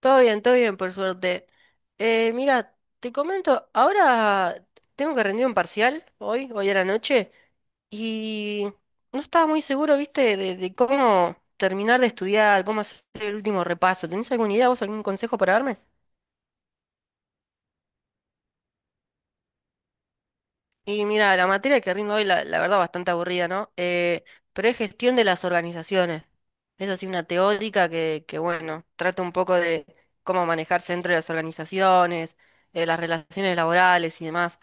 Todo bien, por suerte. Mira, te comento, ahora tengo que rendir un parcial hoy, hoy a la noche, y no estaba muy seguro, viste, de cómo terminar de estudiar, cómo hacer el último repaso. ¿Tenés alguna idea, vos, algún consejo para darme? Y mira, la materia que rindo hoy, la verdad, bastante aburrida, ¿no? Pero es gestión de las organizaciones. Es así una teórica que, bueno, trata un poco de cómo manejarse dentro de las organizaciones, las relaciones laborales y demás.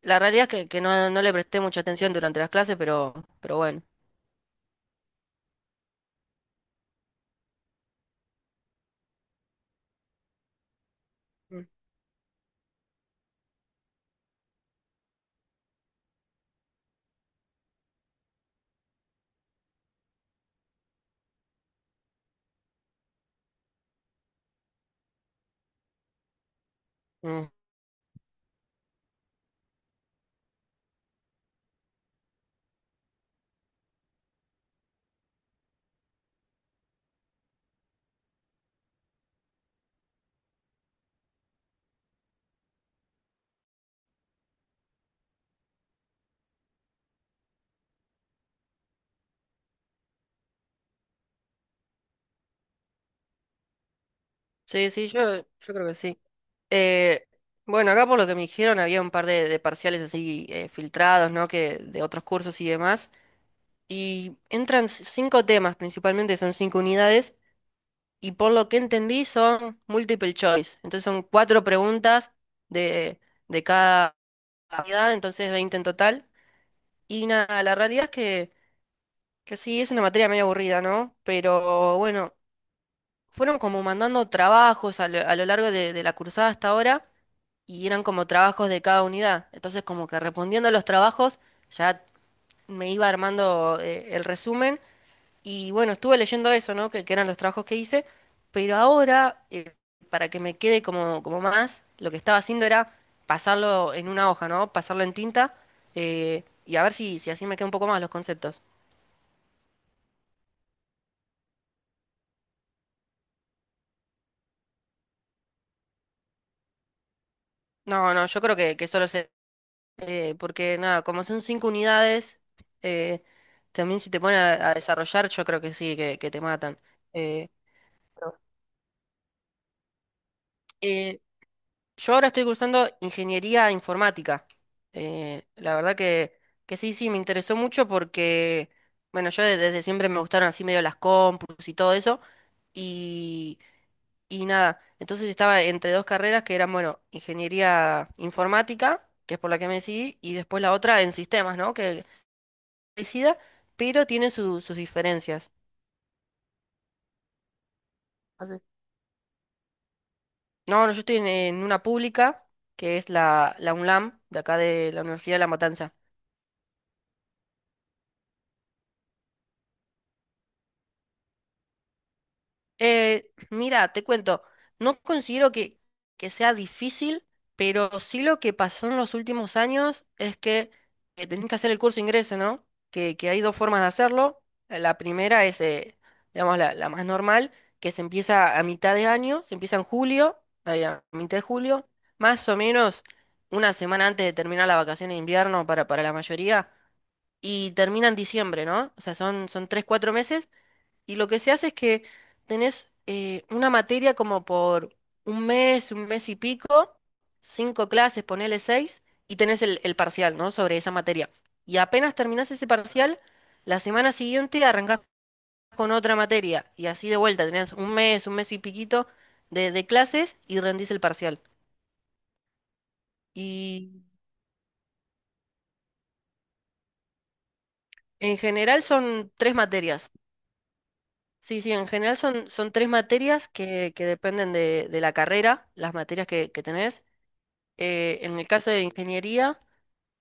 La realidad es que no, no le presté mucha atención durante las clases, pero bueno. Mm, mm. Sí, sí, yo creo que sí. Eh, bueno, acá por lo que me dijeron había un par de parciales así filtrados, ¿no? Que de otros cursos y demás. Y entran cinco temas principalmente, son cinco unidades. Y por lo que entendí son multiple choice. Entonces son cuatro preguntas de, de cada unidad, entonces 20 en total. Y nada, la realidad es que sí, es una materia medio aburrida, ¿no? Pero bueno. Fueron como mandando trabajos a lo largo de la cursada hasta ahora y eran como trabajos de cada unidad. Entonces como que respondiendo a los trabajos ya me iba armando el resumen y bueno, estuve leyendo eso, ¿no? Que eran los trabajos que hice, pero ahora para que me quede como más, lo que estaba haciendo era pasarlo en una hoja, ¿no? Pasarlo en tinta y a ver si así me queda un poco más los conceptos. No, no, yo creo que solo, porque nada, como son cinco unidades, eh, también si te ponen a desarrollar, yo creo que sí, que te matan. Eh, pero, eh, yo ahora estoy cursando ingeniería informática. La verdad que sí, sí, me interesó mucho porque, bueno, yo desde siempre me gustaron así medio las compus y todo eso. Y, y nada, entonces estaba entre dos carreras que eran, bueno, ingeniería informática, que es por la que me decidí, y después la otra en sistemas, ¿no? Que parecida, pero tiene sus diferencias. Así- No, no, yo estoy en una pública, que es la UNLAM, de acá de la Universidad de La Matanza. Mira, te cuento, no considero que sea difícil, pero sí lo que pasó en los últimos años es que, tenés que hacer el curso de ingreso, ¿no? Que hay dos formas de hacerlo. La primera es, digamos, la más normal, que se empieza a mitad de año, se empieza en julio, ahí a mitad de julio, más o menos una semana antes de terminar la vacación de invierno para la mayoría, y termina en diciembre, ¿no? O sea, son 3, 4 meses y lo que se hace es que tenés, una materia como por un mes y pico, cinco clases, ponele seis, y tenés el parcial, ¿no? Sobre esa materia. Y apenas terminás ese parcial, la semana siguiente arrancás con otra materia. Y así de vuelta, tenés un mes y piquito de clases y rendís el parcial. Y en general son tres materias. Sí, sí, en general son tres materias que dependen de la carrera, las materias que tenés. En el caso de ingeniería,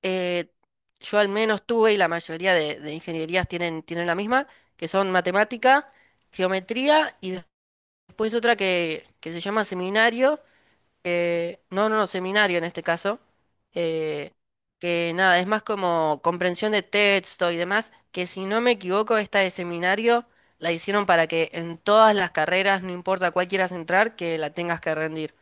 eh, yo al menos tuve, y la mayoría de ingenierías tienen la misma, que son matemática, geometría y después otra que se llama seminario, que, no, no, no, seminario en este caso, eh, que nada, es más como comprensión de texto y demás, que si no me equivoco, esta de seminario la hicieron para que en todas las carreras, no importa cuál quieras entrar, que la tengas que rendir.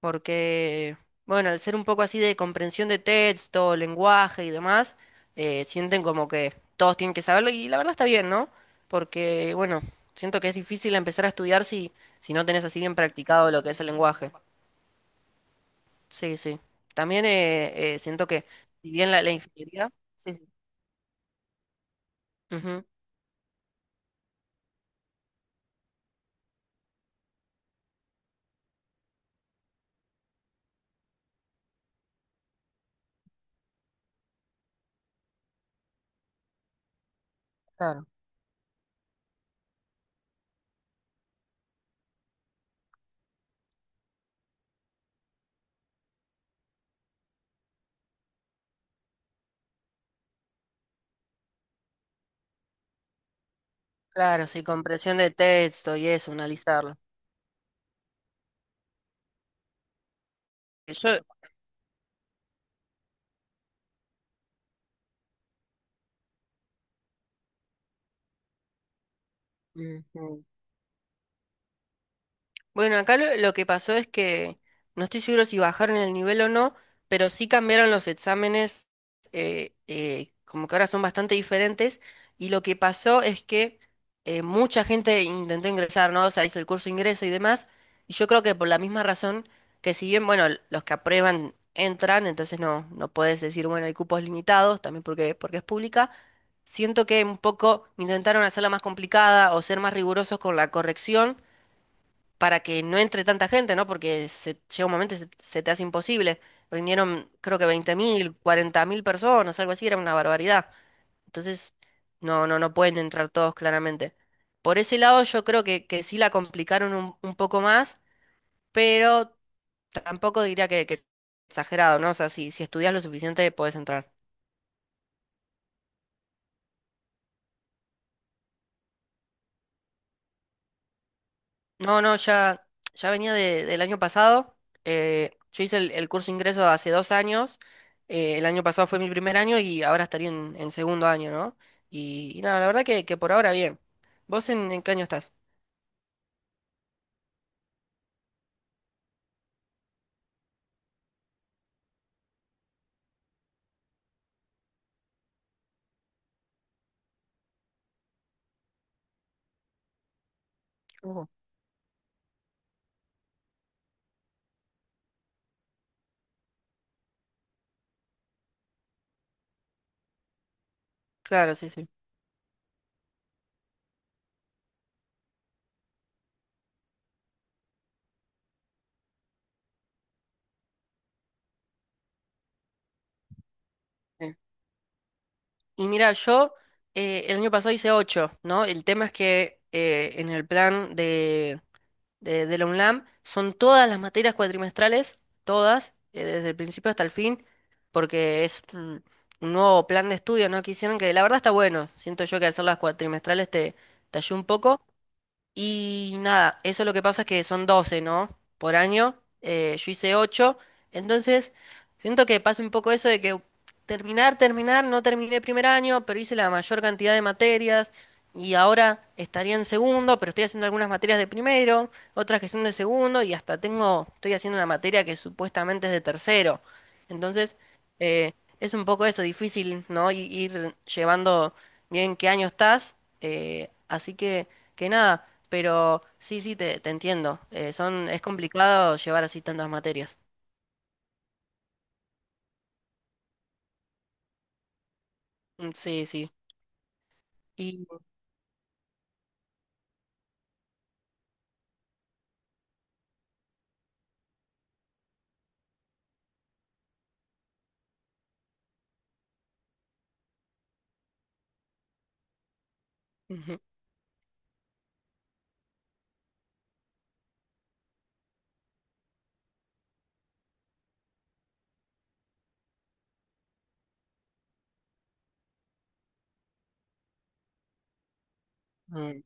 Porque, bueno, al ser un poco así de comprensión de texto, lenguaje y demás, sienten como que todos tienen que saberlo y la verdad está bien, ¿no? Porque, bueno, siento que es difícil empezar a estudiar si no tenés así bien practicado lo que es el lenguaje. Sí, sí. También, siento que, si bien la ingeniería... Sí, sí. Ujú. Claro, claro, sí, comprensión de texto y eso, analizarlo. Que yo, ujú. Bueno, acá lo que pasó es que no estoy seguro si bajaron el nivel o no, pero sí cambiaron los exámenes. Como que ahora son bastante diferentes, y lo que pasó es que, mucha gente intentó ingresar, ¿no? O sea, hizo el curso de ingreso y demás, y yo creo que por la misma razón que, si bien, bueno, los que aprueban entran, entonces no, no puedes decir, bueno, hay cupos limitados, también porque es pública, siento que un poco intentaron hacerla más complicada o ser más rigurosos con la corrección para que no entre tanta gente, ¿no? Porque llega un momento y se te hace imposible. Vinieron, creo que 20.000, 40.000 personas, algo así, era una barbaridad. Entonces, no, no, no pueden entrar todos claramente. Por ese lado, yo creo que sí la complicaron un poco más, pero tampoco diría que exagerado, ¿no? O sea, si estudias lo suficiente, podés entrar. No, no, ya, ya venía del año pasado. Yo hice el curso de ingreso hace 2 años. El año pasado fue mi primer año y ahora estaría en segundo año, ¿no? Y nada, la verdad que por ahora bien. ¿Vos en qué año estás? Ujú. Claro, sí, sí. Sí. Y mira, yo, el año pasado hice ocho, ¿no? El tema es que, en el plan de la UNLAM son todas las materias cuatrimestrales, todas, desde el principio hasta el fin, porque es un nuevo plan de estudio, ¿no? Que hicieron que la verdad está bueno. Siento yo que hacer las cuatrimestrales te ayuda un poco, y nada, eso lo que pasa es que son 12, ¿no? Por año. Yo hice ocho. Entonces, siento que pasa un poco eso de que, no terminé primer año, pero hice la mayor cantidad de materias. Y ahora estaría en segundo, pero estoy haciendo algunas materias de primero, otras que son de segundo, y hasta estoy haciendo una materia que supuestamente es de tercero. Entonces, eh, es un poco eso, difícil, ¿no? Ir llevando bien qué año estás. Así que nada. Pero sí, sí, te entiendo. Es complicado llevar así tantas materias. Mm, sí, sí. Y, ujú, mm,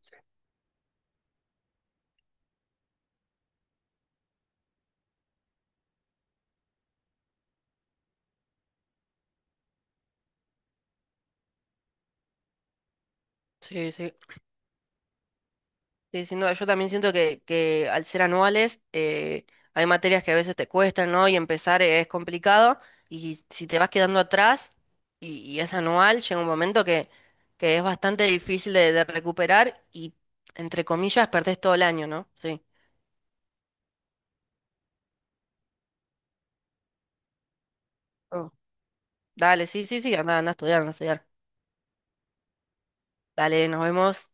sí, sí. Sí, sin duda. Yo también siento que al ser anuales, hay materias que a veces te cuestan, ¿no? Y empezar es complicado. Y si te vas quedando atrás y es anual, llega un momento que es bastante difícil de recuperar y, entre comillas, perdés todo el año, ¿no? Sí. Oh. Dale, sí, sí, sí, anda, anda a estudiar, anda a estudiar. Dale, nos vemos.